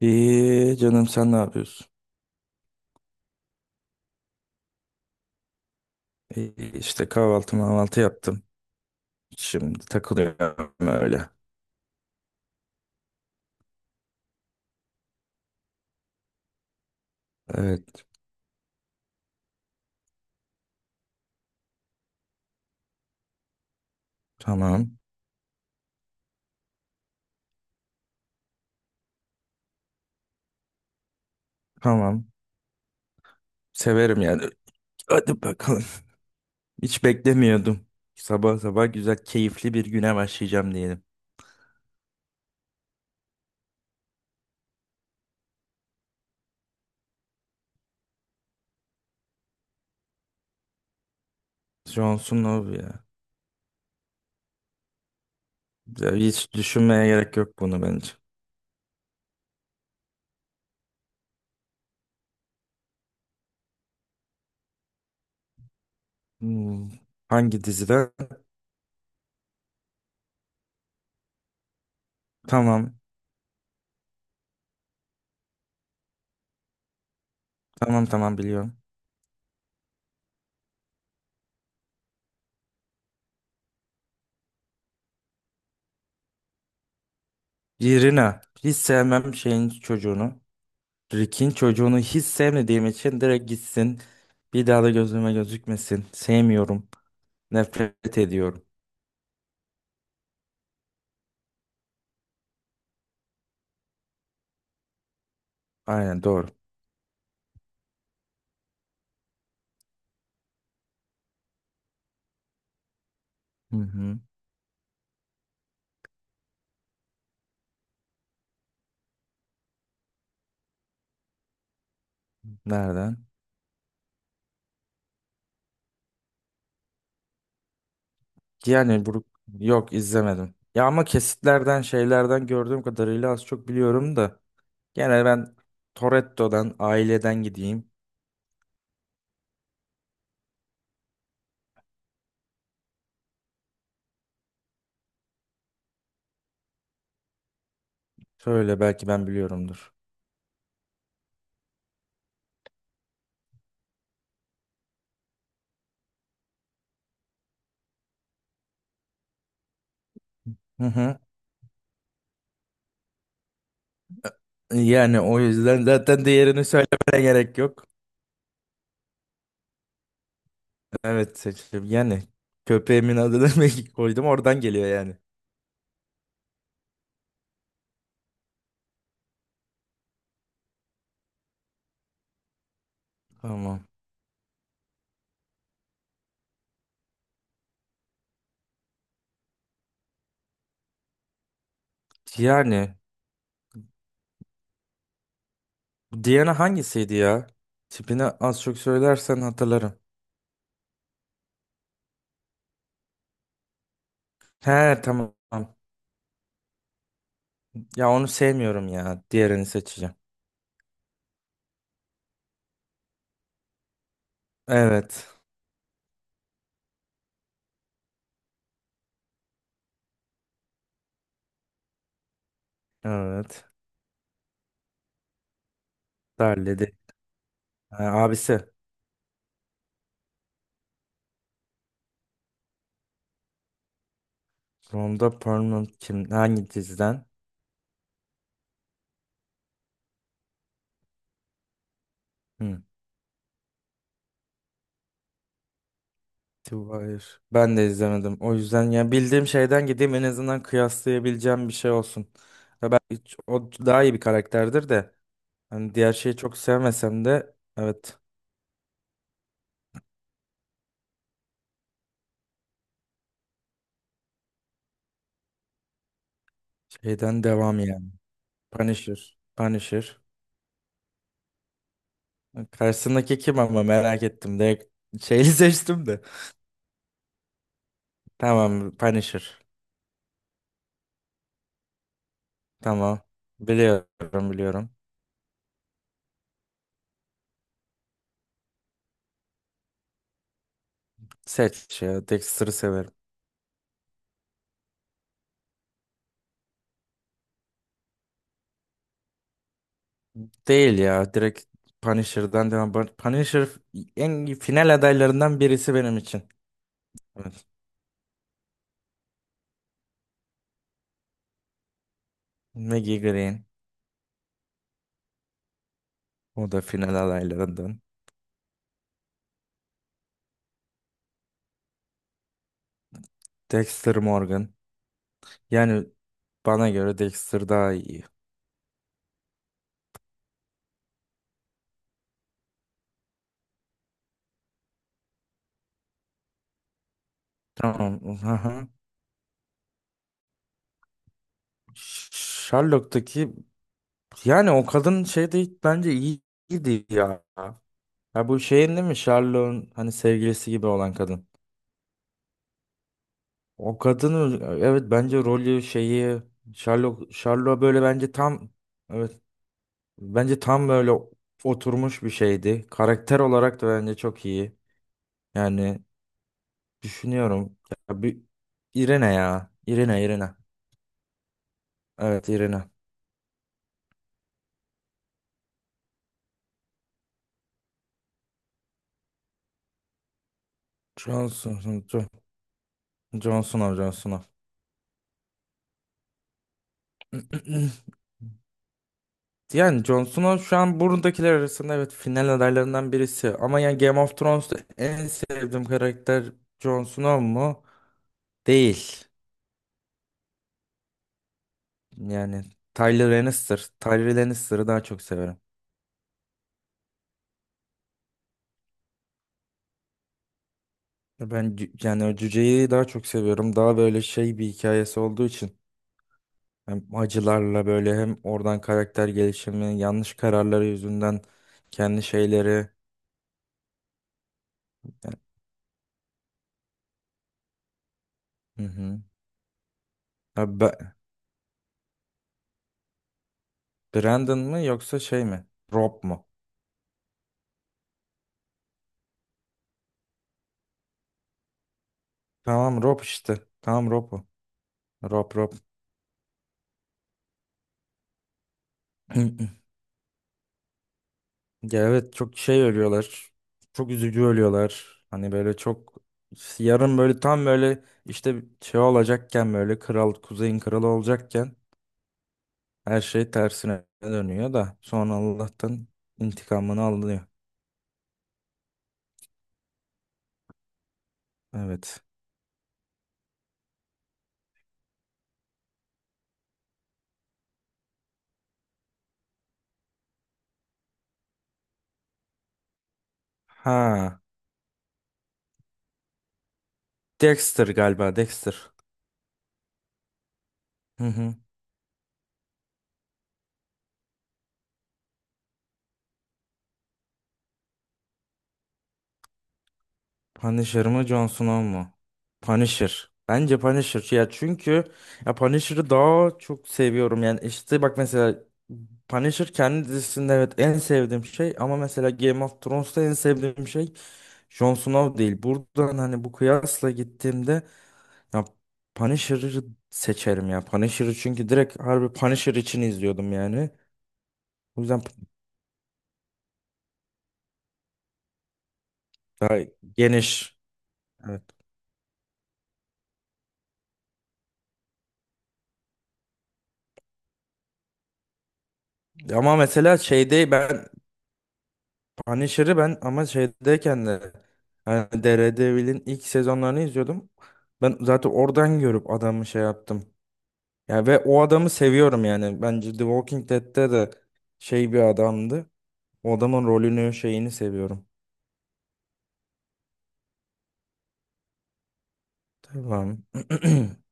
İyi canım, sen ne yapıyorsun? İyi işte kahvaltı mahvaltı yaptım. Şimdi takılıyorum öyle. Evet, tamam tamam. Severim yani. Hadi bakalım. Hiç beklemiyordum. Sabah sabah güzel keyifli bir güne başlayacağım diyelim. Johnson Love ya. Ya hiç düşünmeye gerek yok bunu bence. Hmm, Hangi dizide? Tamam tamam tamam, biliyorum. Irina. Hiç sevmem şeyin çocuğunu. Rick'in çocuğunu hiç sevmediğim için direkt gitsin. Bir daha da gözüme gözükmesin. Sevmiyorum. Nefret ediyorum. Aynen, doğru. Hı hı. Nereden? Yani yok, izlemedim. Ya ama kesitlerden şeylerden gördüğüm kadarıyla az çok biliyorum da. Gene ben Toretto'dan, aileden gideyim. Şöyle belki ben biliyorumdur. Hı hı. Yani o yüzden zaten diğerini söylemene gerek yok. Evet, seçtim. Yani köpeğimin adını Maggie koydum, oradan geliyor yani. Tamam. Yani bu Diana hangisiydi ya? Tipini az çok söylersen hatırlarım. He, tamam. Ya onu sevmiyorum ya. Diğerini seçeceğim. Evet. Evet. Darledi. Ha, abisi. Ronda Perlman kim? Hangi diziden? Hı. The Wire. Ben de izlemedim. O yüzden ya bildiğim şeyden gideyim, en azından kıyaslayabileceğim bir şey olsun. Ya o daha iyi bir karakterdir de. Hani diğer şeyi çok sevmesem de evet, şeyden devam yani. Punisher. Punisher. Karşısındaki kim ama, merak ettim. Direkt şeyi seçtim de. Tamam, Punisher. Tamam. Biliyorum biliyorum. Seç ya. Dexter'ı severim. Değil ya. Direkt Punisher'dan devam. Punisher en final adaylarından birisi benim için. Evet. Maggie Green. O da final adaylarından. Dexter Morgan. Yani bana göre Dexter daha iyi. Tamam. Aha. Sherlock'taki. Yani o kadın şey değil, bence iyiydi ya. Ya bu şeyin değil mi? Charlotte'un hani sevgilisi gibi olan kadın. O kadının, evet, bence rolü şeyi. Charlotte böyle, bence tam, evet, bence tam böyle oturmuş bir şeydi. Karakter olarak da bence çok iyi. Yani düşünüyorum, ya bir Irene ya. Irene. Evet, Irene. Johnson Johnson Johnson. Johnson. Yani Jon Snow şu an buradakiler arasında evet final adaylarından birisi. Ama yani Game of Thrones'ta en sevdiğim karakter Jon Snow mu? Değil. Yani Tyler Lannister. Tyler Lannister'ı daha çok severim. Yani o cüceyi daha çok seviyorum. Daha böyle şey, bir hikayesi olduğu için. Hem acılarla böyle, hem oradan karakter gelişimi, yanlış kararları yüzünden kendi şeyleri. Yani, hı hı. Ha, Brandon mı yoksa şey mi? Rob mu? Tamam, Rob işte. Tamam, Rob o. Rob Rob. Ya evet, çok şey ölüyorlar. Çok üzücü ölüyorlar. Hani böyle çok yarın böyle tam böyle işte şey olacakken, böyle kral, kuzeyin kralı olacakken her şey tersine dönüyor da sonra Allah'tan intikamını alıyor. Evet. Ha. Dexter galiba, Dexter. Punisher mı, Jon Snow mu? Punisher. Bence Punisher. Ya çünkü ya Punisher'ı daha çok seviyorum. Yani işte bak mesela, Punisher kendi dizisinde evet en sevdiğim şey, ama mesela Game of Thrones'ta en sevdiğim şey Jon Snow değil. Buradan hani bu kıyasla gittiğimde ya Punisher'ı seçerim ya. Punisher'ı çünkü direkt harbi Punisher için izliyordum yani. O yüzden daha geniş. Evet. Ama mesela şeyde ben Punisher'ı, ben ama şeydeyken de hani Daredevil'in ilk sezonlarını izliyordum. Ben zaten oradan görüp adamı şey yaptım. Ya ve o adamı seviyorum yani. Bence The Walking Dead'te de şey bir adamdı. O adamın rolünü, şeyini seviyorum. Tamam.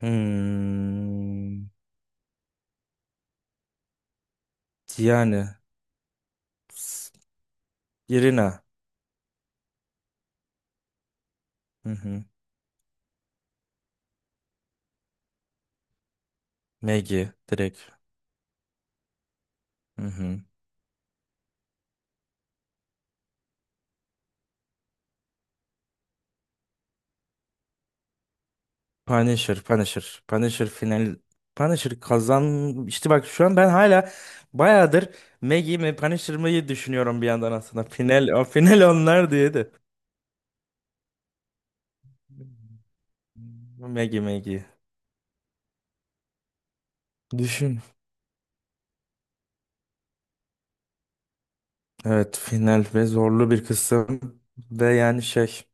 Hmm. Yani s- Irina. Hı hı. Maggie direkt. Hı hı. Punisher, Punisher, Punisher final, Punisher kazan. İşte bak şu an ben hala bayağıdır Maggie mi Punisher mı düşünüyorum bir yandan aslında. Final, o final onlar diye de. Maggie, Maggie. Düşün. Evet, final ve zorlu bir kısım ve yani şey,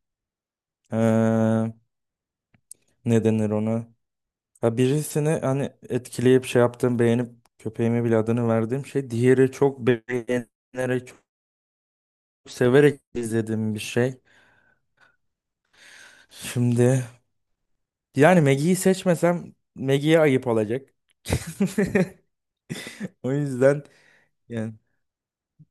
eee ne denir ona? Ha, birisini hani etkileyip şey yaptığım, beğenip köpeğime bile adını verdiğim şey, diğeri çok beğenerek, çok severek izlediğim bir şey. Şimdi, yani Maggie'yi seçmesem Maggie'ye ayıp olacak. O yüzden yani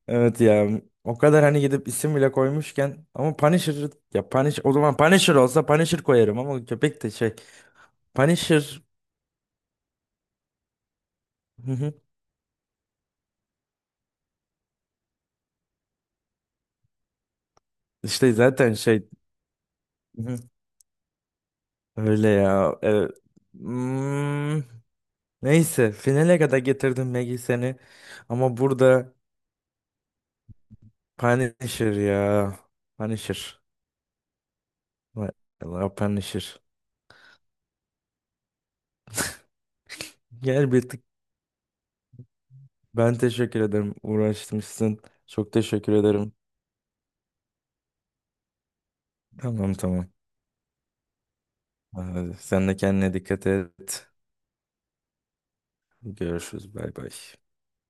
evet ya, o kadar hani gidip isim bile koymuşken ama Punisher ya, Punisher o zaman, Punisher olsa Punisher koyarım ama köpek de şey, Punisher. Hı hı. işte zaten şey. Hı hı. Öyle ya, evet. Hmm, neyse finale kadar getirdim Maggie, seni ama burada Punisher ya, Punisher. Vay Allah, Punisher. Gel bir tık. Ben teşekkür ederim. Uğraşmışsın. Çok teşekkür ederim. Tamam tamam. Sen de kendine dikkat et. Görüşürüz. Bay bay.